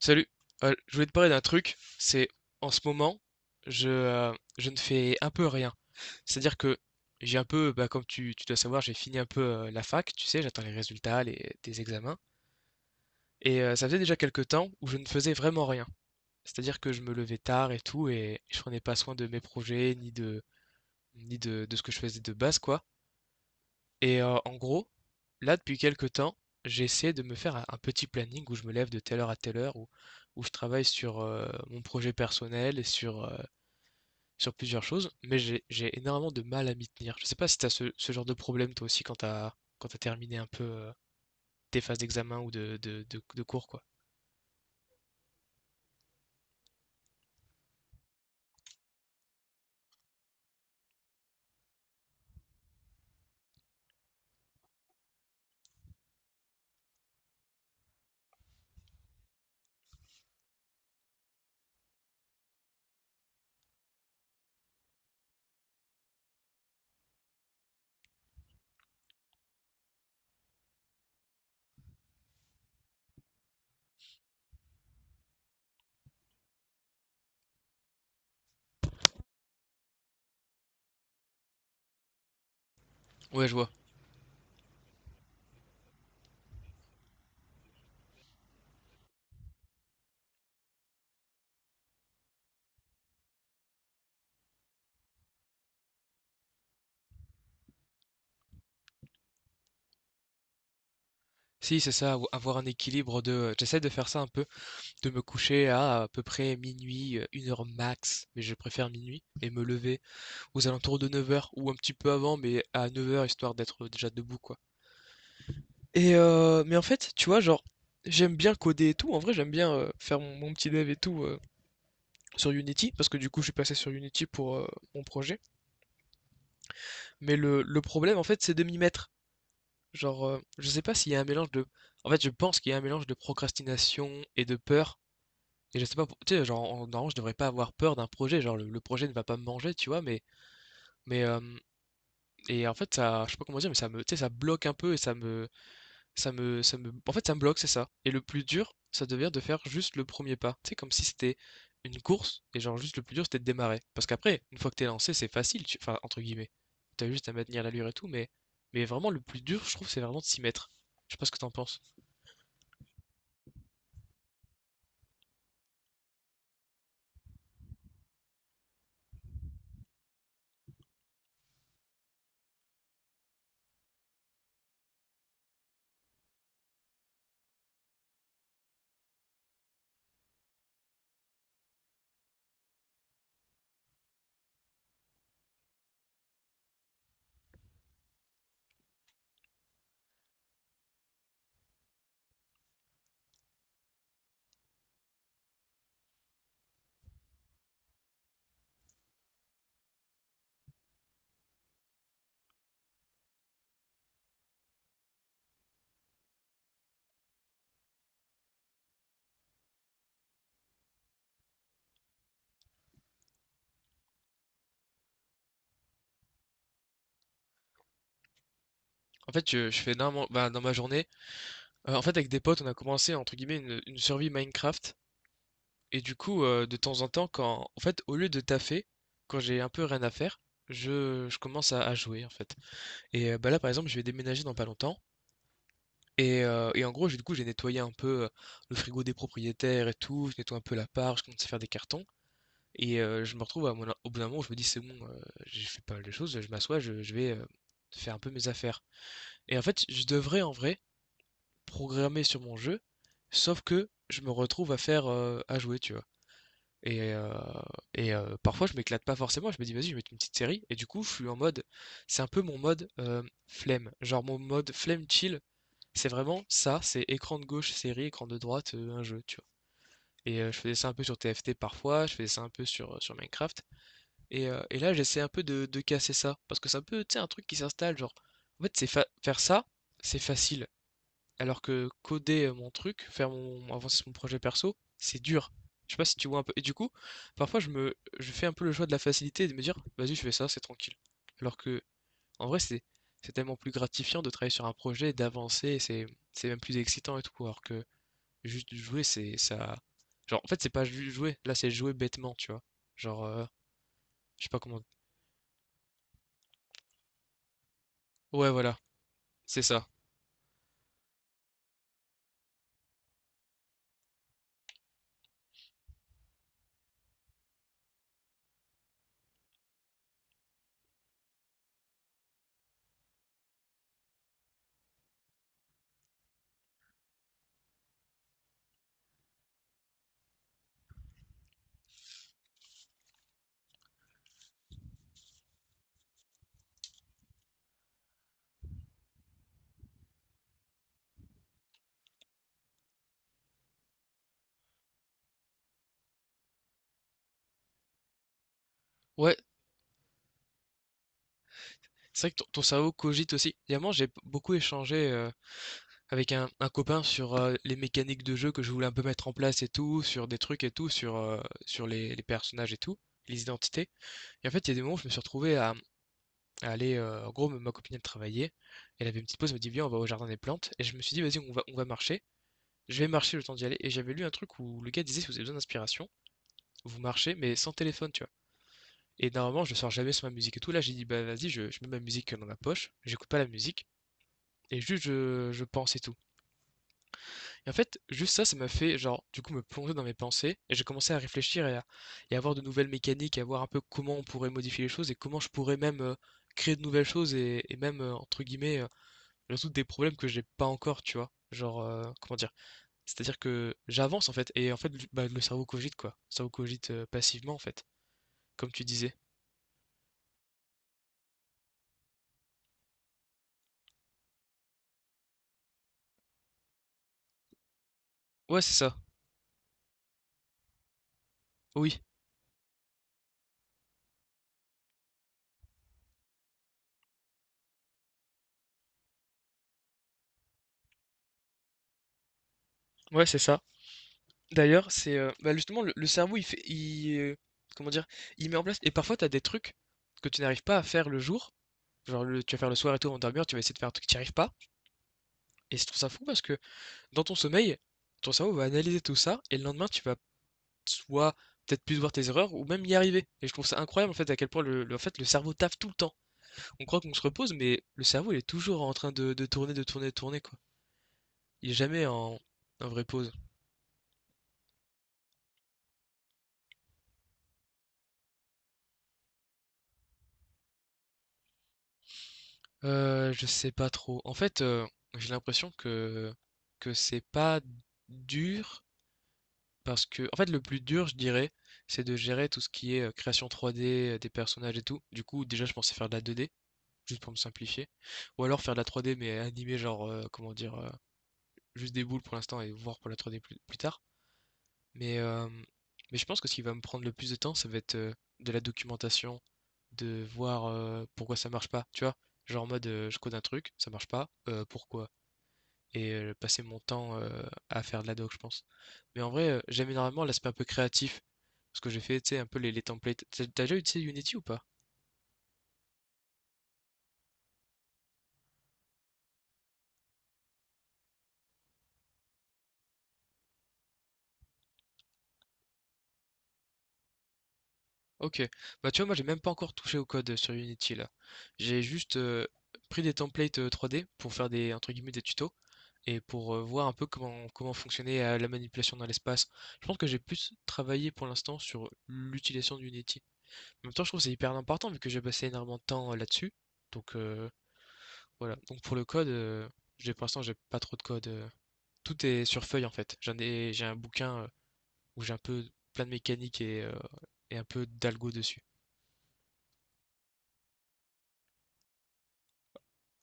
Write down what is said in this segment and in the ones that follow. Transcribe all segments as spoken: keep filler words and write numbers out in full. Salut. Euh, je voulais te parler d'un truc. C'est, en ce moment, je, euh, je ne fais un peu rien. C'est-à-dire que j'ai un peu, bah, comme tu, tu dois savoir, j'ai fini un peu euh, la fac, tu sais, j'attends les résultats, les, des examens. Et euh, ça faisait déjà quelques temps où je ne faisais vraiment rien. C'est-à-dire que je me levais tard et tout, et je prenais pas soin de mes projets, ni de, ni de, de ce que je faisais de base, quoi. Et heu, en gros, là, depuis quelque temps, j'ai essayé de me faire un un petit planning où je me lève de telle heure à telle heure, où où je travaille sur, heu, mon projet personnel et sur, heu, sur plusieurs choses, mais j'ai j'ai énormément de mal à m'y tenir. Je sais pas si tu as ce ce genre de problème toi aussi quand tu as quand tu terminé un peu, heu, tes phases d'examen ou de de de de cours, quoi? Ouais, je vois. Si, c'est ça, ou avoir un équilibre de, euh, j'essaie de faire ça un peu. De me coucher à à peu près minuit, heu, 1 heure max, mais je préfère minuit et me lever aux alentours de neuf heures ou un petit peu avant, mais à neuf heures histoire d'être déjà debout, quoi. Et heu, mais en fait, tu vois, genre, j'aime bien coder et tout. En vrai, j'aime bien, heu, faire mon mon petit dev et tout, heu, sur Unity parce que du coup, je suis passé sur Unity pour, heu, mon projet, mais le le problème, en fait, c'est de m'y mettre. Genre, heu, je sais pas s'il y a un mélange de en fait, je pense qu'il y a un mélange de procrastination et de peur. Et je sais pas, pour- tu sais, genre, en- normalement, je devrais pas avoir peur d'un projet, genre, le, le projet ne va pas me manger, tu vois, mais, mais, euh, et en fait, ça, je sais pas comment dire, mais ça me, tu sais, ça bloque un peu et ça me, ça me, ça me, en fait, ça me bloque, c'est ça. Et le plus dur, ça devient de faire juste le premier pas, tu sais, comme si c'était une course, et genre, juste le plus dur, c'était de démarrer. Parce qu'après, une fois que t'es lancé, c'est facile, tu- enfin, entre guillemets, t'as juste à maintenir l'allure et tout, mais, mais vraiment, le plus dur, je trouve, c'est vraiment de s'y mettre. Je sais pas ce que t'en penses. En fait, je, je fais dans, mon- bah, dans ma journée, euh, en fait, avec des potes, on a commencé, entre guillemets, une, une survie Minecraft. Et du coup, heu, de temps en temps, quand en fait, au lieu de taffer, quand j'ai un peu rien à faire, je je commence à à jouer, en fait. Et heu, bah, là, par exemple, je vais déménager dans pas longtemps et heu et en gros, j'ai du coup, j'ai nettoyé un peu, heu, le frigo des propriétaires et tout, je nettoie un peu l'appart, je commence à faire des cartons et heu, je me retrouve à mon au bout d'un moment où je me dis: «C'est bon, heu, j'ai fait pas mal de choses, je m'assois, je je vais, heu, faire un peu mes affaires» et en fait, je devrais, en vrai, programmer sur mon jeu, sauf que je me retrouve à faire, heu, à jouer, tu vois? Et, euh, et euh, parfois, je m'éclate pas forcément. Je me dis, vas-y, je vais mettre une petite série. Et du coup, je suis en mode, c'est un peu mon mode euh, flemme. Genre, mon mode flemme chill, c'est vraiment ça. C'est écran de gauche, série, écran de droite, euh, un jeu, tu vois. Et euh, je faisais ça un peu sur T F T parfois, je faisais ça un peu sur, euh, sur Minecraft. Et, euh, et là, j'essaie un peu de, de casser ça. Parce que c'est un peu, tu sais, un truc qui s'installe. Genre, en fait, c'est fa- faire ça, c'est facile. Alors que coder, heu, mon truc, faire mon avancer mon projet perso, c'est dur. Je sais pas si tu vois un peu? Et du coup, parfois je me je fais un peu le choix de la facilité et de me dire: «Vas-y, je fais ça, c'est tranquille». Alors que, en vrai, c'est c'est tellement plus gratifiant de travailler sur un projet, d'avancer et c'est c'est même plus excitant et tout. Alors que juste jouer, c'est ça. Genre, en fait, c'est pas juste jouer, là, c'est jouer bêtement, tu vois? Genre, heu, je sais pas comment. Ouais, voilà, c'est ça. Ouais, c'est vrai que ton ton cerveau cogite aussi. Évidemment, j'ai beaucoup échangé, euh, avec un un copain sur, heu, les mécaniques de jeu que je voulais un peu mettre en place et tout, sur des trucs et tout, sur, heu, sur les les personnages et tout, les identités. Et en fait, il y a des moments où je me suis retrouvé à, mmh, à aller, heu, en gros, ma copine, elle travaillait, elle avait une petite pause, elle me dit: «Viens, on va au jardin des plantes» et je me suis dit: «Vas-y, on va on va marcher». Je vais marcher le temps d'y aller et j'avais lu un truc où le gars disait: «Si vous avez besoin d'inspiration, vous marchez mais sans téléphone», tu vois? Et normalement, je ne sors jamais sur ma musique et tout. Là, j'ai dit: «Bah, vas-y, je je mets ma musique, dans ma poche, j'écoute pas la musique et juste je je pense et tout». Et en fait, juste ça, ça m'a fait, genre, du coup, me plonger dans mes pensées et j'ai commencé à réfléchir et à, et à voir de nouvelles mécaniques, à voir un peu comment on pourrait modifier les choses et comment je pourrais même euh, créer de nouvelles choses et, et même, euh, entre guillemets, euh, résoudre des problèmes que j'ai pas encore, tu vois. Genre, euh, comment dire? C'est-à-dire que j'avance en fait et en fait, le- bah, le cerveau cogite quoi. Le cerveau cogite euh, passivement en fait, comme tu disais. Ouais, c'est ça. Oui. Ouais, c'est ça. D'ailleurs, c'est euh, bah, justement le, le cerveau, il fait, il, euh, comment dire, il met en place. Et parfois, t'as des trucs que tu n'arrives pas à faire le jour. Genre le tu vas faire le soir et tout avant de dormir, tu vas essayer de faire un truc, que tu y arrives pas. Et je trouve ça fou parce que dans ton sommeil, ton cerveau va analyser tout ça et le lendemain, tu vas soit peut-être plus voir tes erreurs ou même y arriver. Et je trouve ça incroyable en fait à quel point le, le- en fait, le cerveau taffe tout le temps. On croit qu'on se repose, mais le cerveau il est toujours en train de, de tourner, de tourner, de tourner quoi. Il est jamais en, en vraie pause. Euh, je sais pas trop. En fait, euh, j'ai l'impression que, que c'est pas dur. Parce que, en fait, le plus dur, je dirais, c'est de gérer tout ce qui est euh, création trois D, euh, des personnages et tout. Du coup, déjà, je pensais faire de la deux D, juste pour me simplifier. Ou alors faire de la trois D, mais animer, genre, euh, comment dire, euh, juste des boules pour l'instant et voir pour la trois D plus, plus tard. Mais, euh, mais je pense que ce qui va me prendre le plus de temps, ça va être euh, de la documentation, de voir euh, pourquoi ça marche pas, tu vois. Genre en mode, euh, je code un truc, ça marche pas, euh, pourquoi? Et euh, passer mon temps euh, à faire de la doc, je pense. Mais en vrai, euh, j'aime énormément l'aspect un peu créatif. Parce que j'ai fait, tu sais, un peu les, les templates. T'as t'as déjà utilisé Unity ou pas? Ok. Bah tu vois, moi j'ai même pas encore touché au code euh, sur Unity là. J'ai juste euh, pris des templates euh, trois D pour faire des, entre guillemets, des tutos et pour euh, voir un peu comment, comment fonctionnait euh, la manipulation dans l'espace. Je pense que j'ai plus travaillé pour l'instant sur l'utilisation d'Unity. En même temps, je trouve que c'est hyper important vu que j'ai passé énormément de temps euh, là-dessus. Donc, euh, voilà. Donc pour le code, euh, j'ai pour l'instant j'ai pas trop de code. euh. Tout est sur feuille en fait. J'en ai j'ai un bouquin euh, où j'ai un peu plein de mécaniques et, euh, et un peu d'algo dessus.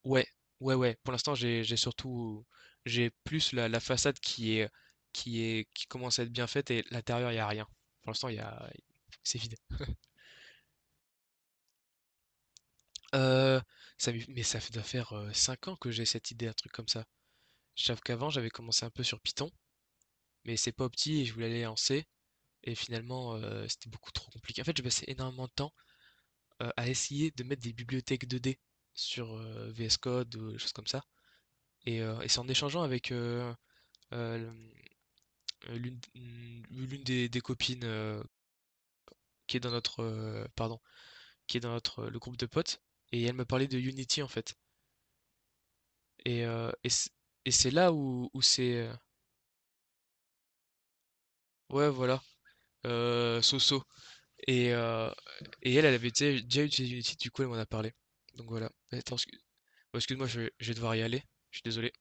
Ouais, ouais, ouais. Pour l'instant j'ai j'ai surtout, j'ai plus la, la façade qui est qui est qui commence à être bien faite et l'intérieur il y a rien. Pour l'instant il y a c'est vide. Euh, ça m'est- mais ça doit faire euh, cinq ans que j'ai cette idée, un truc comme ça. J'avoue qu'avant j'avais commencé un peu sur Python, mais c'est pas opti et je voulais aller en C. Et finalement, euh, c'était beaucoup trop compliqué. En fait, j'ai passé énormément de temps euh, à essayer de mettre des bibliothèques deux D sur euh, V S Code ou des choses comme ça. Et, euh, et c'est en échangeant avec euh, euh, l'une mm, l'une des, des copines euh, qui est dans notre euh, pardon, qui est dans notre euh, le groupe de potes. Et elle me parlait de Unity en fait. Et, euh, et c'est et c'est là où, où c'est euh, ouais, voilà, euh, so-so. Et, euh, et elle, elle avait déjà déjà utilisé Unity, du coup, elle m'en a parlé. Donc voilà. Attends. Oh, excuse-moi, je, je vais devoir y aller. Je suis désolé.